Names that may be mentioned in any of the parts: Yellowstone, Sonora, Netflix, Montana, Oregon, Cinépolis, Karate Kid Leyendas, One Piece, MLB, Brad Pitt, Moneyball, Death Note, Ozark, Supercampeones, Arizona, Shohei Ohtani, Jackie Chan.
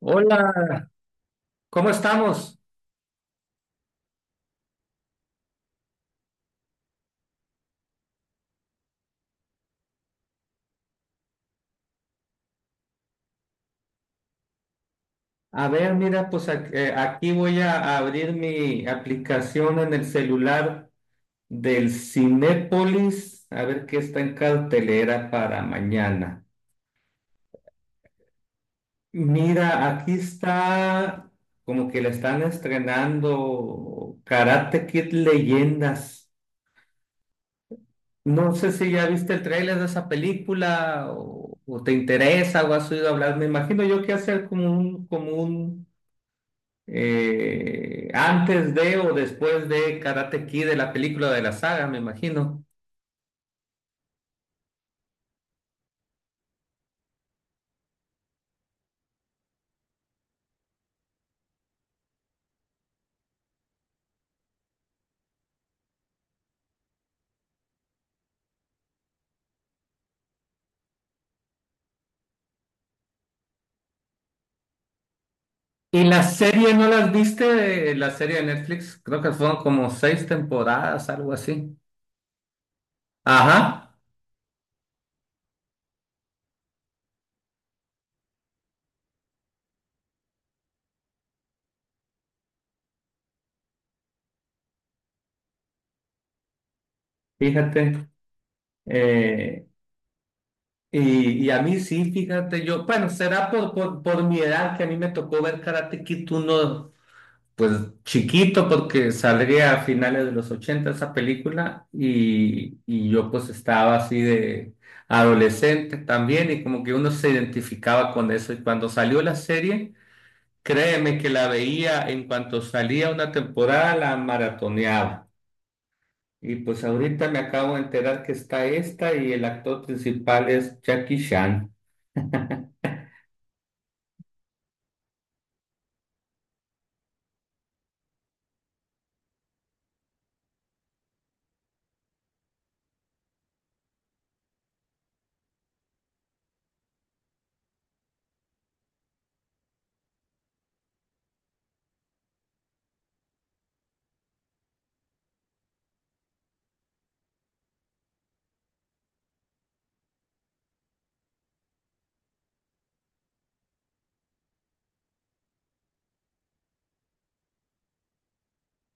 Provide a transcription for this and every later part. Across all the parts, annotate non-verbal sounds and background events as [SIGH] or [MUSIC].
Hola, ¿cómo estamos? A ver, mira, pues aquí voy a abrir mi aplicación en el celular del Cinépolis, a ver qué está en cartelera para mañana. Mira, aquí está como que le están estrenando Karate Kid Leyendas. No sé si ya viste el tráiler de esa película o te interesa o has oído hablar. Me imagino yo que hacer como un, antes de o después de Karate Kid, de la película de la saga, me imagino. ¿Y la serie no las viste? La serie de Netflix, creo que fueron como seis temporadas, algo así. Ajá, fíjate. eh, y a mí sí, fíjate, yo, bueno, será por mi edad que a mí me tocó ver Karate Kid uno. Pues chiquito porque saldría a finales de los 80 esa película y yo pues estaba así de adolescente también y como que uno se identificaba con eso y cuando salió la serie, créeme que la veía en cuanto salía una temporada, la maratoneaba. Y pues ahorita me acabo de enterar que está esta y el actor principal es Jackie Chan.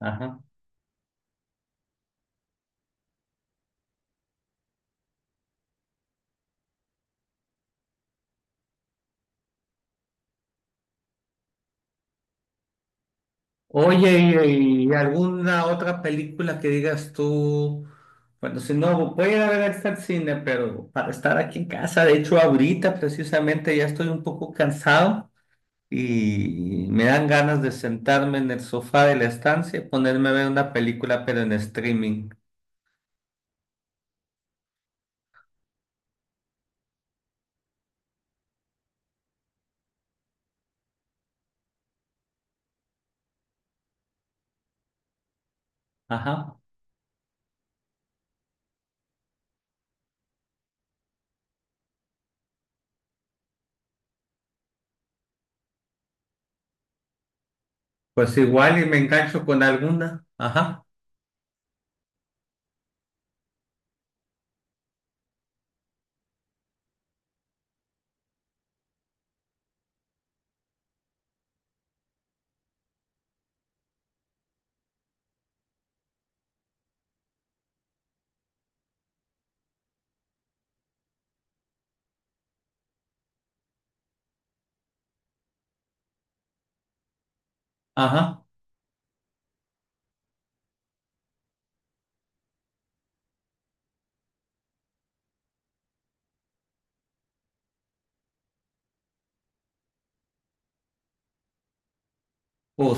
Ajá. Oye, ¿y alguna otra película que digas tú? Bueno, si no, voy a ir a ver esta al cine, pero para estar aquí en casa, de hecho, ahorita precisamente ya estoy un poco cansado y me dan ganas de sentarme en el sofá de la estancia y ponerme a ver una película, pero en streaming. Ajá. Pues igual y me engancho con alguna. Ajá, ajá. O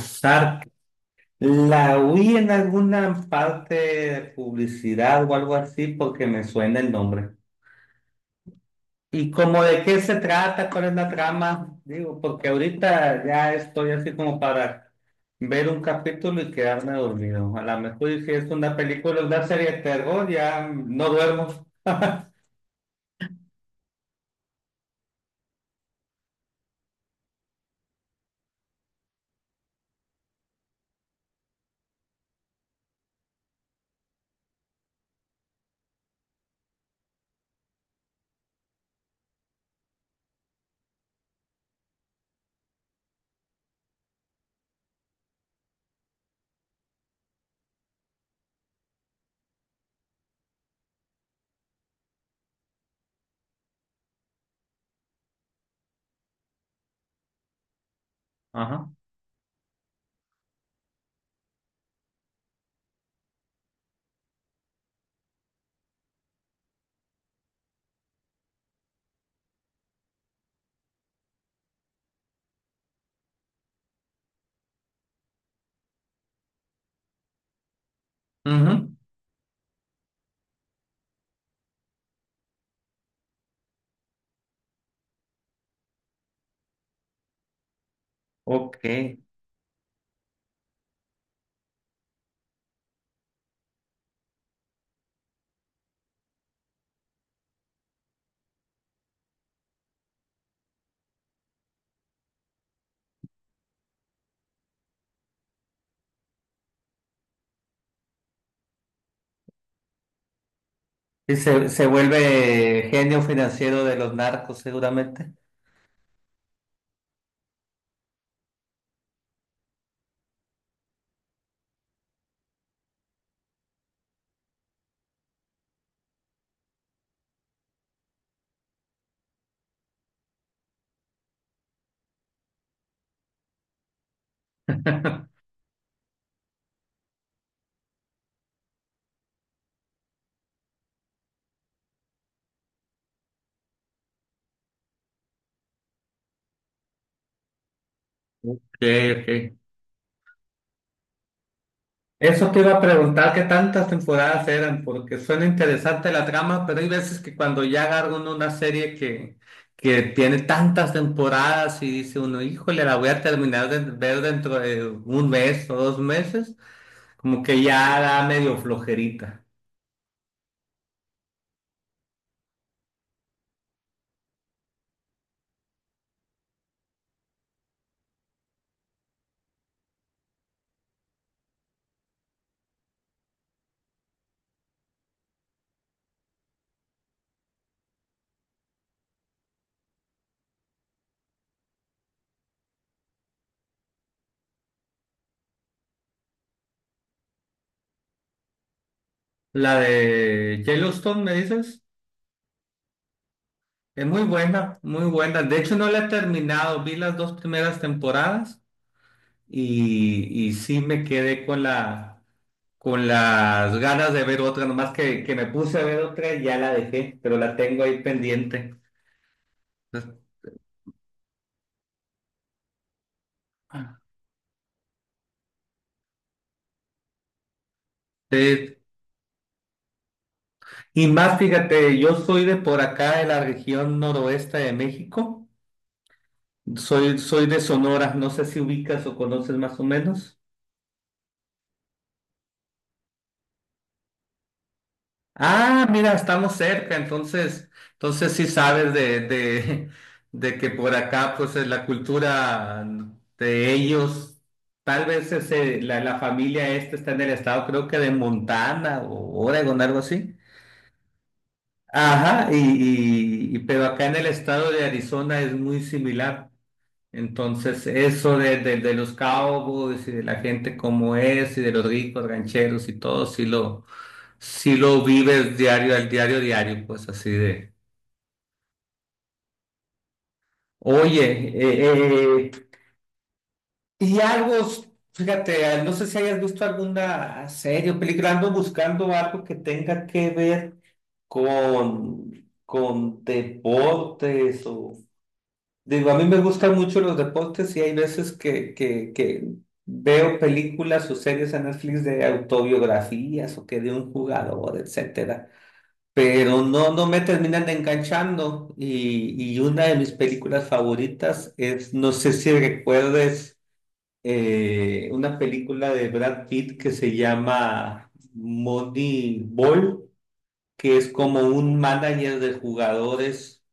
la vi en alguna parte de publicidad o algo así porque me suena el nombre. ¿Y como de qué se trata? ¿Cuál es la trama? Digo, porque ahorita ya estoy así como para ver un capítulo y quedarme dormido. A lo mejor y si es una película, una serie de terror, ya no duermo. [LAUGHS] Ajá. Ujú. Ok. Y se vuelve genio financiero de los narcos, seguramente. Ok, ok. Eso te iba a preguntar qué tantas temporadas eran, porque suena interesante la trama, pero hay veces que cuando ya agarra uno una serie que tiene tantas temporadas y dice uno, híjole, la voy a terminar de ver dentro de un mes o dos meses, como que ya da medio flojerita. La de Yellowstone, me dices, es muy buena, muy buena. De hecho, no la he terminado, vi las dos primeras temporadas y sí me quedé con la con las ganas de ver otra, nomás que me puse a ver otra y ya la dejé, pero la tengo ahí pendiente. Entonces, eh, y más, fíjate, yo soy de por acá, de la región noroeste de México, soy de Sonora, no sé si ubicas o conoces más o menos. Ah, mira, estamos cerca, entonces sí sabes de [LAUGHS] de que por acá, pues la cultura de ellos, tal vez la familia esta está en el estado, creo que de Montana o Oregon, algo así. Ajá, pero acá en el estado de Arizona es muy similar. Entonces, eso de los cowboys y de la gente como es y de los ricos rancheros y todo, sí lo vives diario al diario, diario, pues así de. Oye, eh, eh, y algo, fíjate, no sé si hayas visto alguna serie o película, ando buscando algo que tenga que ver con, con deportes o digo, a mí me gustan mucho los deportes y hay veces que veo películas o series en Netflix de autobiografías o que de un jugador, etcétera. Pero no, no me terminan de enganchando. Y una de mis películas favoritas es, no sé si recuerdes, una película de Brad Pitt que se llama Moneyball, que es como un manager de jugadores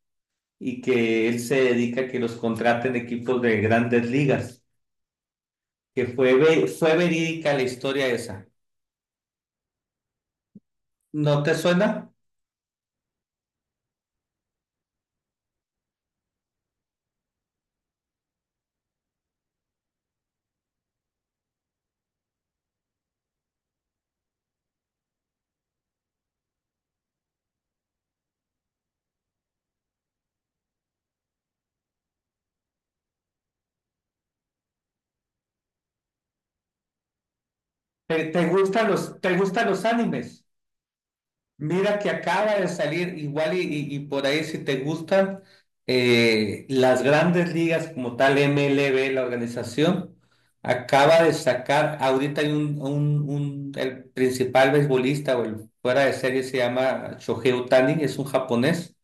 y que él se dedica a que los contraten equipos de grandes ligas, que fue verídica la historia esa. ¿No te suena? ¿Te gustan los, te gustan los animes? Mira que acaba de salir igual y por ahí si te gustan las grandes ligas como tal MLB, la organización, acaba de sacar, ahorita hay el principal beisbolista o el fuera de serie se llama Shohei Ohtani, es un japonés.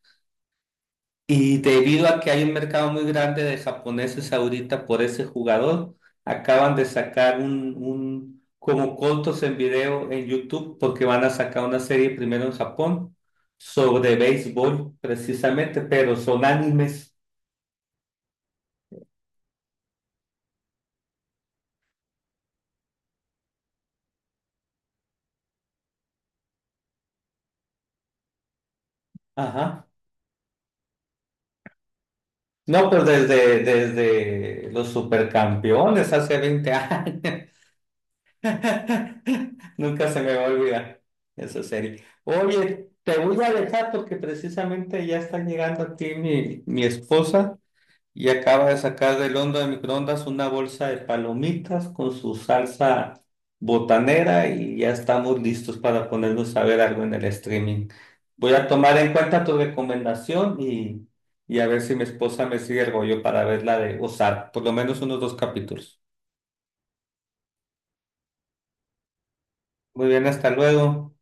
Y debido a que hay un mercado muy grande de japoneses ahorita por ese jugador, acaban de sacar un como cortos en video en YouTube porque van a sacar una serie primero en Japón sobre béisbol precisamente, pero son animes. Ajá. No, pero desde los supercampeones hace 20 [LAUGHS] años. [LAUGHS] Nunca se me va a olvidar esa serie. Oye, te voy a dejar porque precisamente ya está llegando aquí mi esposa y acaba de sacar del hondo de microondas una bolsa de palomitas con su salsa botanera y ya estamos listos para ponernos a ver algo en el streaming. Voy a tomar en cuenta tu recomendación y a ver si mi esposa me sigue el rollo para ver la de Ozark, por lo menos unos dos capítulos. Muy bien, hasta luego.